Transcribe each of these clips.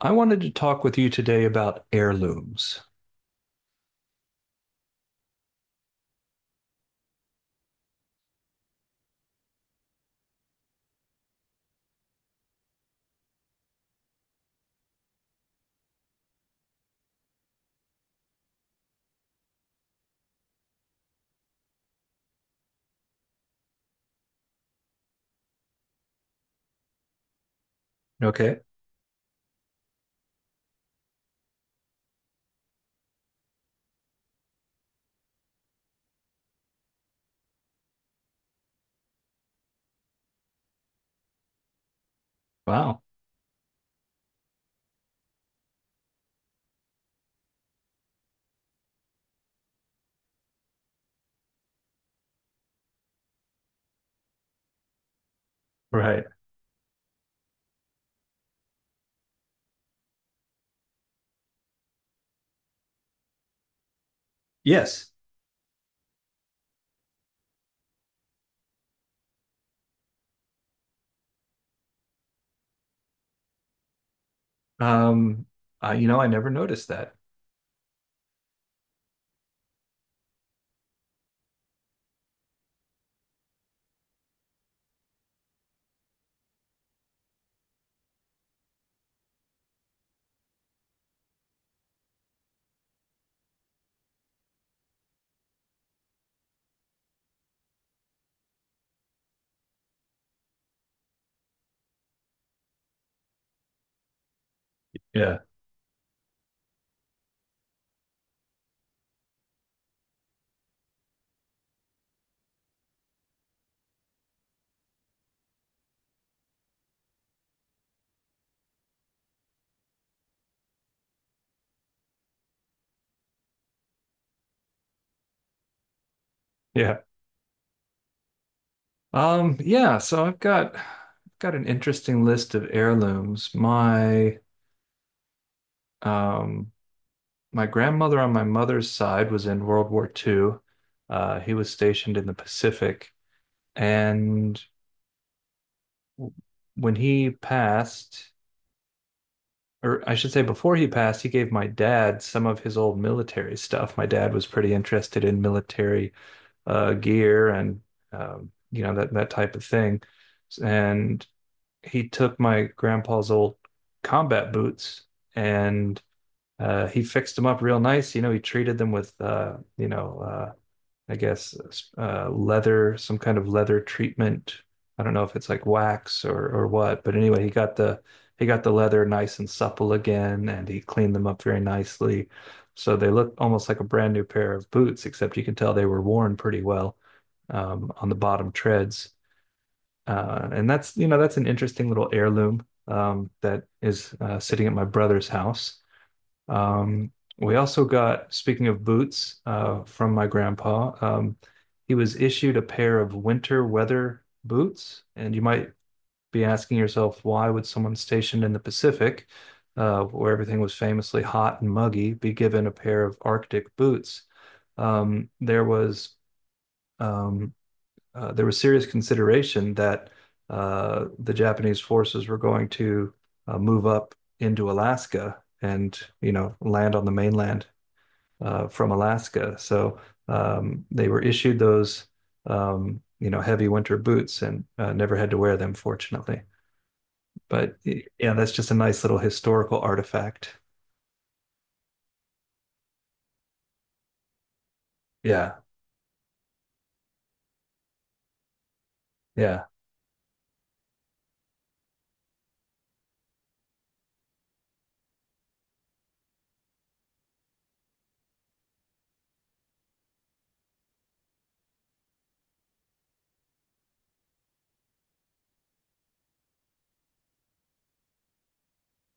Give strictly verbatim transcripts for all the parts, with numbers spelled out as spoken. I wanted to talk with you today about heirlooms. Okay. Wow. Right. Yes. Um, I, you know, I never noticed that. Yeah. Yeah. Um, yeah, so I've got I've got an interesting list of heirlooms. My um my grandmother on my mother's side was in World War two. Uh, he was stationed in the Pacific, and when he passed, or I should say before he passed, he gave my dad some of his old military stuff. My dad was pretty interested in military uh, gear and um, you know that that type of thing. And he took my grandpa's old combat boots and uh, he fixed them up real nice. You know, he treated them with uh, you know uh, I guess, uh, leather, some kind of leather treatment. I don't know if it's like wax or or what, but anyway, he got the he got the leather nice and supple again, and he cleaned them up very nicely. So they look almost like a brand new pair of boots, except you can tell they were worn pretty well um, on the bottom treads. Uh, and that's, you know, that's an interesting little heirloom um, that is uh, sitting at my brother's house. Um, we also got, speaking of boots, uh, from my grandpa, um, he was issued a pair of winter weather boots. And you might be asking yourself, why would someone stationed in the Pacific, uh, where everything was famously hot and muggy, be given a pair of Arctic boots? Um, there was um, uh, there was serious consideration that uh, the Japanese forces were going to uh, move up into Alaska and you know land on the mainland uh, from Alaska. So um, they were issued those um, you know heavy winter boots and uh, never had to wear them, fortunately. But yeah, that's just a nice little historical artifact. Yeah, yeah,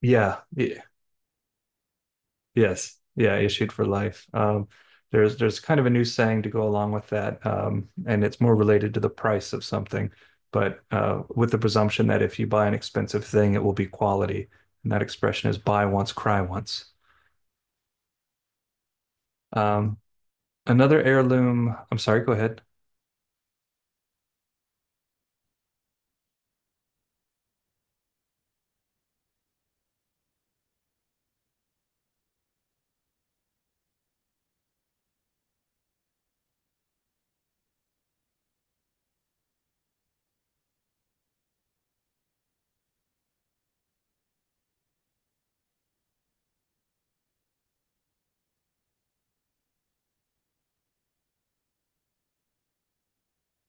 yeah. Yes. Yeah, issued for life. Um, there's there's kind of a new saying to go along with that, um, and it's more related to the price of something, but uh, with the presumption that if you buy an expensive thing, it will be quality, and that expression is "buy once, cry once." Um, another heirloom. I'm sorry. Go ahead.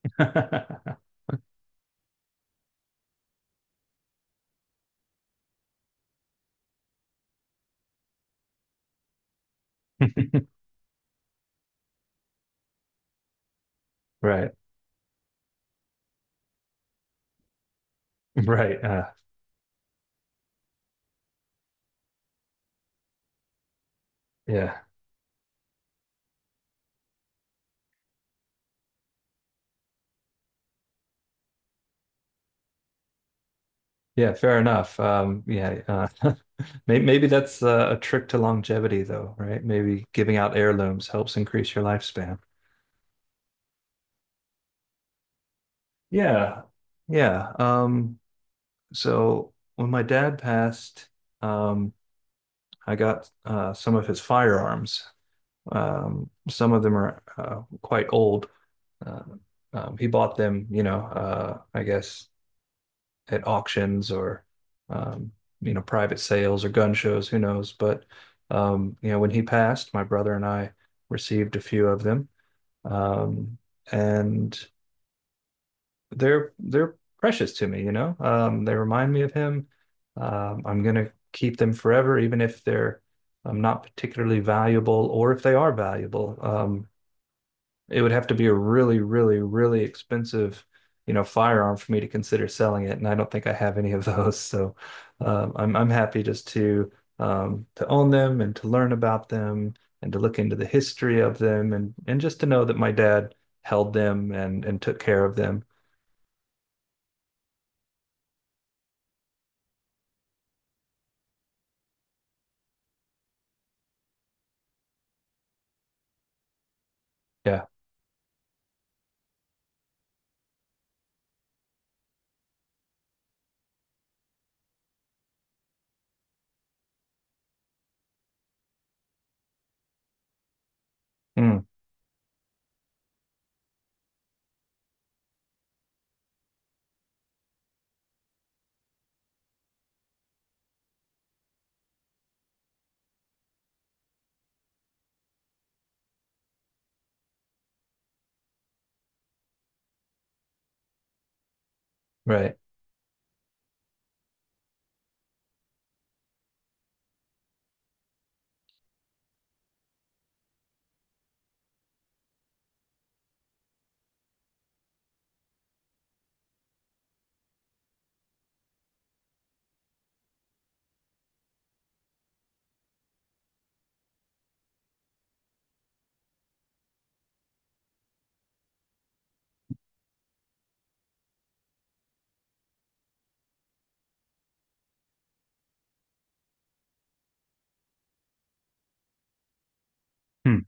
Right. Right. Uh, yeah. Yeah. Fair enough. Um, yeah. Uh, maybe, maybe that's uh, a trick to longevity, though, right? Maybe giving out heirlooms helps increase your lifespan. Yeah. Yeah. Um, so when my dad passed, um, I got uh, some of his firearms. Um, some of them are uh, quite old. Uh, um, he bought them, you know, uh, I guess at auctions or, um, you know, private sales or gun shows, who knows. But, um, you know, when he passed, my brother and I received a few of them. Um, and they're they're precious to me, you know. Um, they remind me of him. Um, I'm gonna keep them forever, even if they're um, not particularly valuable, or if they are valuable. Um, it would have to be a really, really, really expensive, you know, firearm for me to consider selling it, and I don't think I have any of those. So, um, I'm I'm happy just to um, to own them and to learn about them and to look into the history of them and and just to know that my dad held them and and took care of them. Yeah. Mm. Right. Hmm.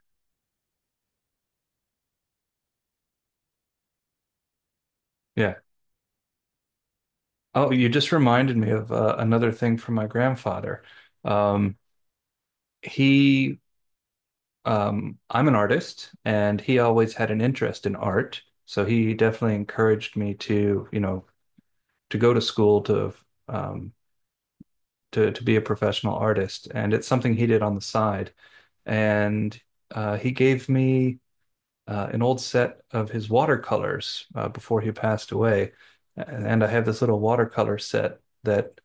Yeah. Oh, you just reminded me of uh, another thing from my grandfather. Um, he, um, I'm an artist, and he always had an interest in art. So he definitely encouraged me to, you know, to go to school to, um, to to be a professional artist. And it's something he did on the side. And uh, he gave me uh, an old set of his watercolors uh, before he passed away, and I have this little watercolor set that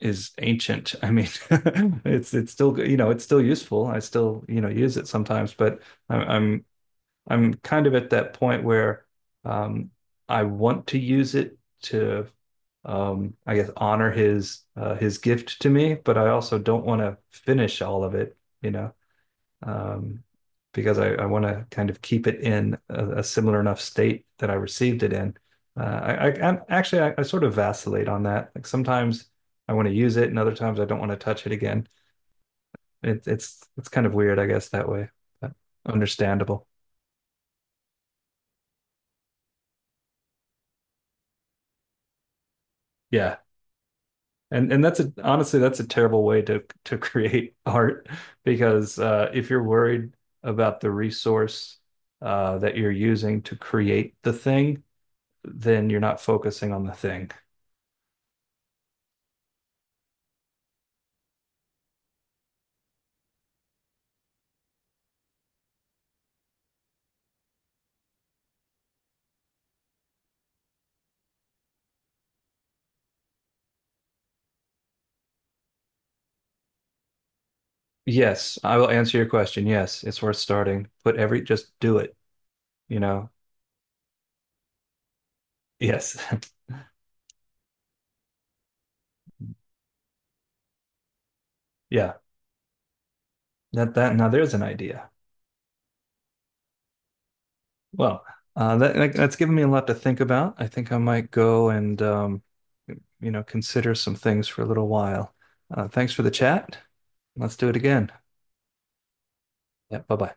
is ancient. I mean, it's it's still you know it's still useful. I still you know use it sometimes, but I'm I'm, I'm kind of at that point where um, I want to use it to um, I guess honor his uh, his gift to me, but I also don't want to finish all of it. You know um, because I, I want to kind of keep it in a, a similar enough state that I received it in. Uh, I, I I'm, actually I, I sort of vacillate on that. Like sometimes I want to use it, and other times I don't want to touch it again. It, it's it's kind of weird, I guess, that way. But understandable. Yeah. And and that's a honestly that's a terrible way to to create art because uh, if you're worried about the resource uh, that you're using to create the thing, then you're not focusing on the thing. Yes, I will answer your question. Yes, it's worth starting. Put every, just do it, you know. Yes. Yeah. That that now there's an idea. Well, uh that that- that's given me a lot to think about. I think I might go and um, you know, consider some things for a little while. Uh thanks for the chat. Let's do it again. Yeah, bye-bye.